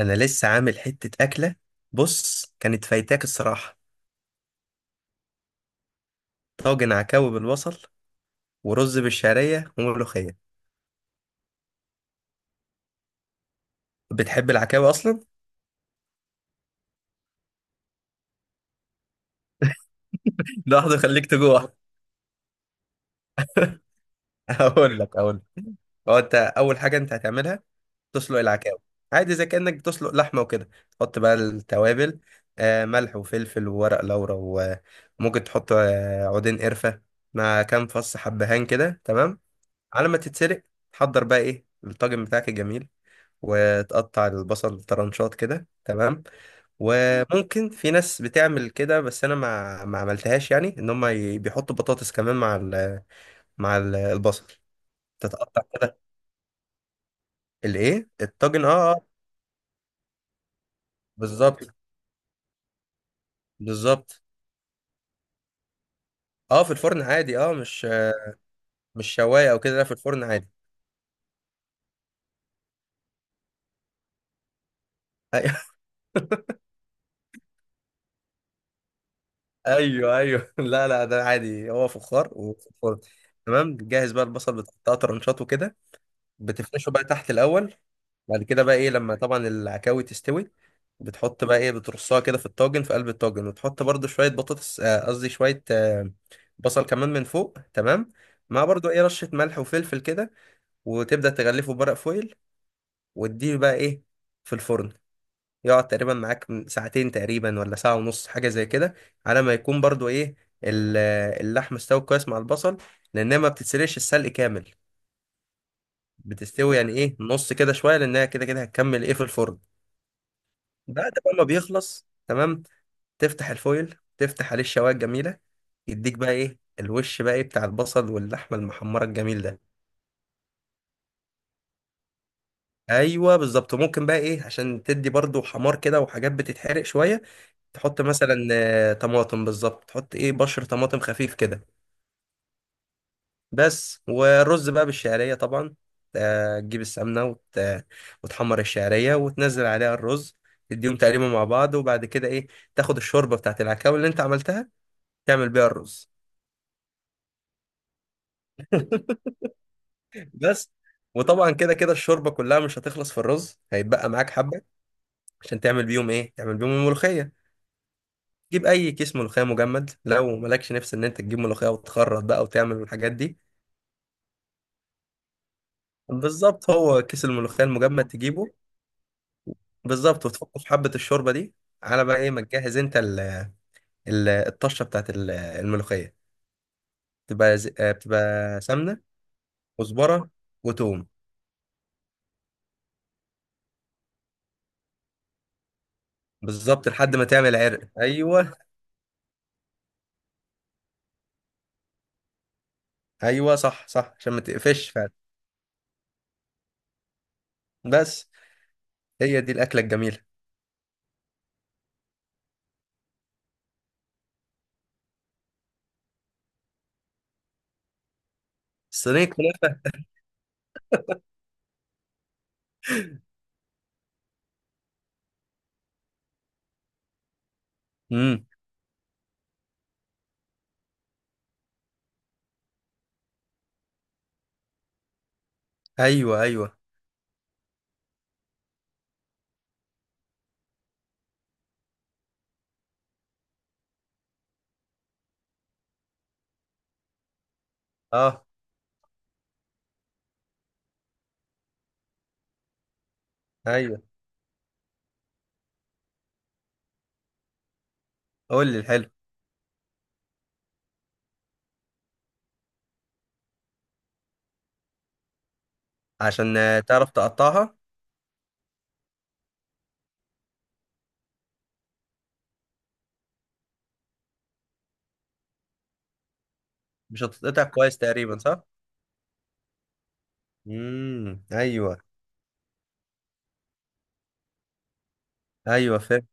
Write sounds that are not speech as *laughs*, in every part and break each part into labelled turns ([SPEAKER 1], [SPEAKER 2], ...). [SPEAKER 1] انا لسه عامل حتة اكلة. بص، كانت فايتاك الصراحة. طاجن عكاوي بالبصل، ورز بالشعرية، وملوخية. بتحب العكاوي اصلا؟ *laughs* لحظة، خليك تجوع. *laughs* اقول لك. هو انت اول حاجة انت هتعملها تسلق العكاوي. عادي زي كأنك بتسلق لحمة وكده، تحط بقى التوابل، ملح وفلفل وورق لورا. وممكن تحط عودين قرفة مع كام فص حبهان، كده تمام. على ما تتسلق، تحضر بقى ايه الطاجن بتاعك الجميل، وتقطع البصل طرنشات، كده تمام. وممكن في ناس بتعمل كده، بس انا ما عملتهاش، يعني ان هم بيحطوا بطاطس كمان مع البصل. تتقطع كده. الايه الطاجن، اه اه. بالظبط، بالظبط. اه، في الفرن عادي، اه، مش شوايه او كده، لا في الفرن عادي. *laughs* أيوه ايوه ايوه، *laughs* لا لا، ده عادي، هو فخار وفي الفرن. تمام. جاهز بقى البصل، بتقطعه طرنشات وكده. بتفرشه بقى تحت الاول. بعد كده بقى ايه، لما طبعا العكاوي تستوي، بتحط بقى ايه، بترصها كده في الطاجن، في قلب الطاجن، وتحط برضو شوية بطاطس، قصدي شوية بصل كمان من فوق، تمام. مع برضو ايه رشة ملح وفلفل كده، وتبدأ تغلفه بورق فويل، وتديه بقى ايه في الفرن. يقعد تقريبا معاك من ساعتين تقريبا، ولا ساعة ونص، حاجة زي كده، على ما يكون برضو ايه ال- اللحم استوى كويس مع البصل، لأنها ما بتتسلقش السلق كامل. بتستوي يعني ايه نص كده شوية، لأنها كده كده هتكمل ايه في الفرن. بعد بقى ما بيخلص، تمام، تفتح الفويل، تفتح عليه الشوايه الجميله، يديك بقى ايه الوش بقى ايه بتاع البصل واللحمه المحمره الجميل ده. ايوه بالظبط. ممكن بقى ايه عشان تدي برضو حمار كده، وحاجات بتتحرق شويه، تحط مثلا طماطم، بالظبط، تحط ايه بشر طماطم خفيف كده. بس. والرز بقى بالشعريه طبعا، تجيب السمنه وتحمر الشعريه وتنزل عليها الرز، تديهم تقريبا مع بعض. وبعد كده ايه، تاخد الشوربه بتاعت العكاوي اللي انت عملتها، تعمل بيها الرز. *laughs* بس. وطبعا كده كده الشوربه كلها مش هتخلص في الرز، هيتبقى معاك حبه عشان تعمل بيهم ايه، تعمل بيهم الملوخيه. تجيب اي كيس ملوخيه مجمد، لو مالكش نفس ان انت تجيب ملوخيه وتخرط بقى وتعمل الحاجات دي. بالظبط، هو كيس الملوخيه المجمد تجيبه. بالظبط، وتحطه في حبه الشوربه دي. على بقى ايه ما تجهز انت ال الطشه بتاعت الملوخيه. بتبقى ز- آه، بتبقى سمنه، كزبره، وتوم. بالظبط، لحد ما تعمل عرق. ايوه، ايوه صح صح، عشان ما تقفش فعلا. بس. هي دي الاكله الجميله. صينيه فراخ. امم. ايوه ايوه اه ايوه. قول لي الحلو. عشان تعرف تقطعها. مش هتتقطع كويس تقريبا، صح. ايوه. ايوه فاهم.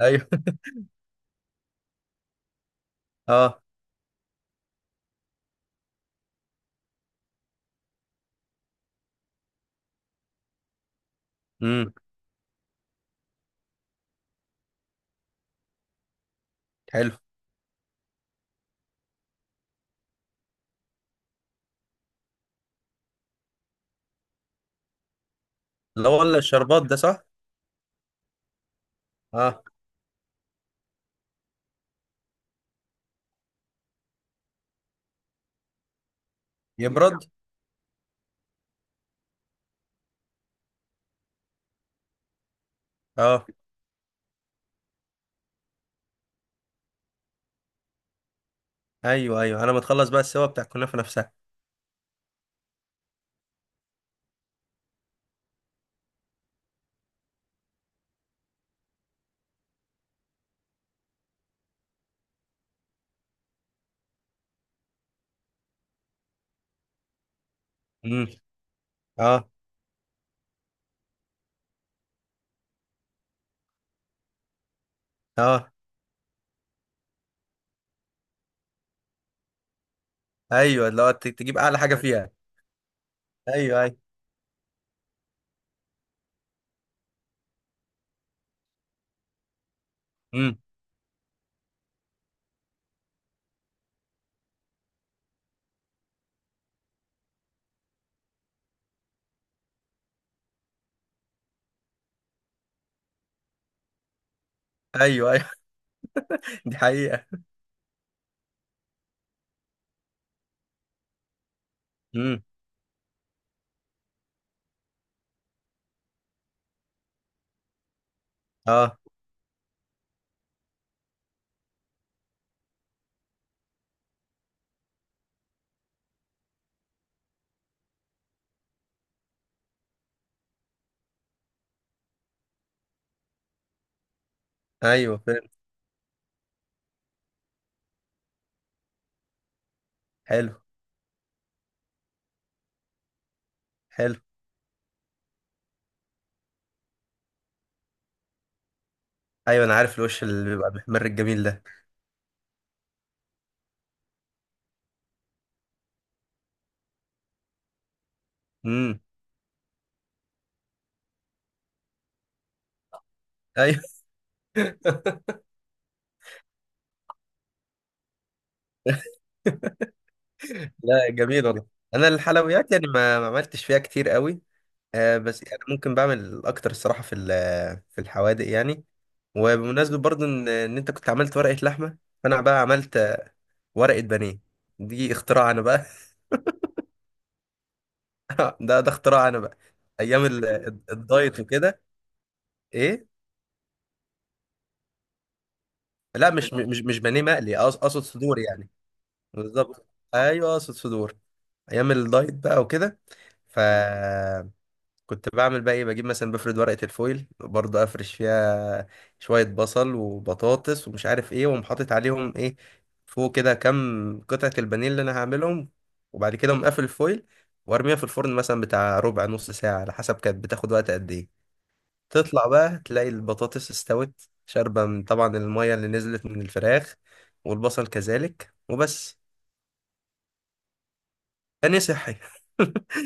[SPEAKER 1] ايوه. *laughs* اه. امم. حلو. اللي هو الشربات ده، صح. اه. يبرد. اه ايوه ايوه، انا متخلص بقى السوا بتاع الكنافه نفسها. امم. اه اه. ايوه، اللي هو تجيب اعلى حاجه فيها. ايوه ايوه. امم. ايوه ايوه. *laughs* دي حقيقه. امم. اه ايوه فاهم. حلو. حلو. ايوه، انا عارف الوش اللي بيبقى محمر الجميل ده. امم. ايوه. *laughs* لا، جميل والله. انا الحلويات يعني ما عملتش فيها كتير قوي. آه، بس يعني ممكن بعمل اكتر الصراحه في في الحوادق يعني. وبمناسبه برضو ان انت كنت عملت ورقه لحمه، فانا بقى عملت ورقه بانيه. دي اختراع انا بقى. *laughs* ده اختراع انا بقى. ايام الدايت وكده. ايه؟ لا، مش بانيه مقلي، اقصد صدور يعني. بالظبط. ايوه اقصد صدور. ايام الدايت بقى وكده. فكنت بعمل بقى ايه، بجيب مثلا، بفرد ورقة الفويل برضه، افرش فيها شوية بصل وبطاطس ومش عارف ايه، واقوم حاطط عليهم ايه فوق كده كام قطعة البانيه اللي انا هعملهم. وبعد كده اقوم قافل الفويل وارميها في الفرن، مثلا بتاع ربع نص ساعة، على حسب كانت بتاخد وقت قد ايه. تطلع بقى تلاقي البطاطس استوت شاربة من طبعا المية اللي نزلت من الفراخ، والبصل كذلك، وبس. تاني صحي. *laughs*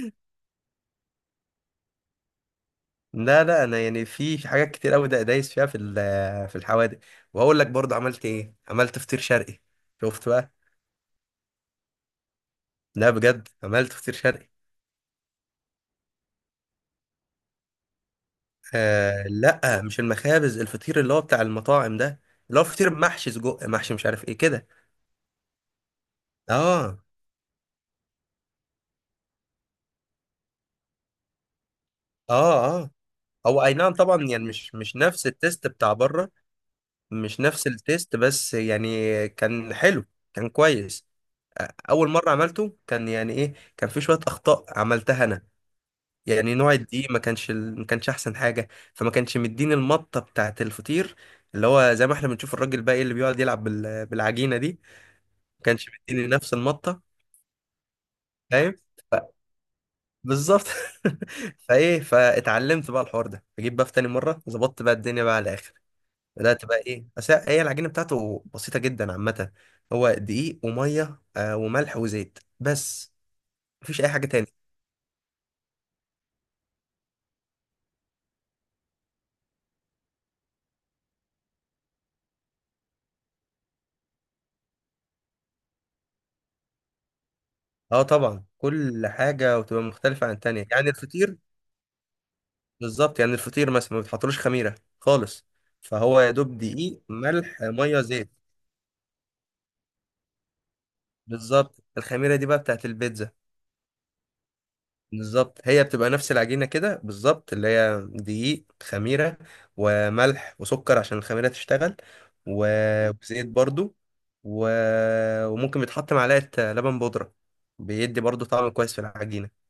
[SPEAKER 1] لا لا، انا يعني في حاجات كتير قوي ده دايس فيها في الحوادق. وهقول لك برضه عملت ايه، عملت فطير شرقي، شفت بقى. لا بجد، عملت فطير شرقي. آه لا، مش المخابز، الفطير اللي هو بتاع المطاعم ده، اللي هو فطير محشي سجق، محشي مش عارف ايه كده. اه. اه اه. هو اي نعم، طبعا، يعني مش نفس التيست بتاع بره. مش نفس التيست، بس يعني كان حلو، كان كويس. اول مره عملته كان يعني ايه، كان في شويه اخطاء عملتها انا. يعني نوع الدقيق ما كانش احسن حاجه. فما كانش مديني المطه بتاعت الفطير، اللي هو زي ما احنا بنشوف الراجل الباقي اللي بيقعد يلعب بالعجينه دي. ما كانش مديني نفس المطه. فاهم، بالظبط. *laughs* فايه، فاتعلمت بقى الحوار ده، اجيب بقى في تاني مره، ظبطت بقى الدنيا بقى على الاخر. بدات بقى ايه، بس هي العجينه بتاعته بسيطه جدا عامه، هو دقيق وميه آه وملح وزيت بس، مفيش اي حاجه تاني. اه طبعا، كل حاجه وتبقى مختلفه عن التانيه، يعني الفطير. بالظبط، يعني الفطير مثلا ما بتحطلوش خميره خالص، فهو يا دوب دقيق ملح ميه زيت. بالظبط، الخميره دي بقى بتاعت البيتزا. بالظبط، هي بتبقى نفس العجينه كده بالظبط، اللي هي دقيق، خميره، وملح وسكر عشان الخميره تشتغل، وزيت برضو، و... وممكن بيتحط معلقه لبن بودره، بيدي برضو طعم كويس في العجينه.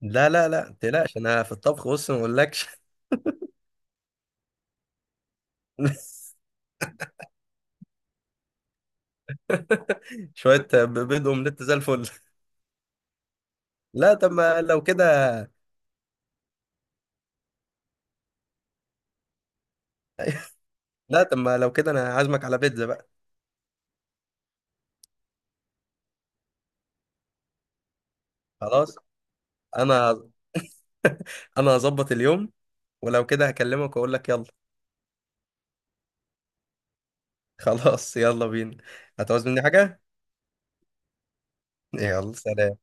[SPEAKER 1] لا لا لا، متقلقش، انا في الطبخ، بص ما اقولكش. *laughs* شويه بيض اومليت زي الفل. لا طب ما لو كده. لا طب ما لو كده، انا عازمك على بيتزا بقى. خلاص. انا انا هظبط اليوم، ولو كده هكلمك واقول لك يلا. *laughs* خلاص، يلا بينا. هتعوز مني حاجة؟ يلا سلام.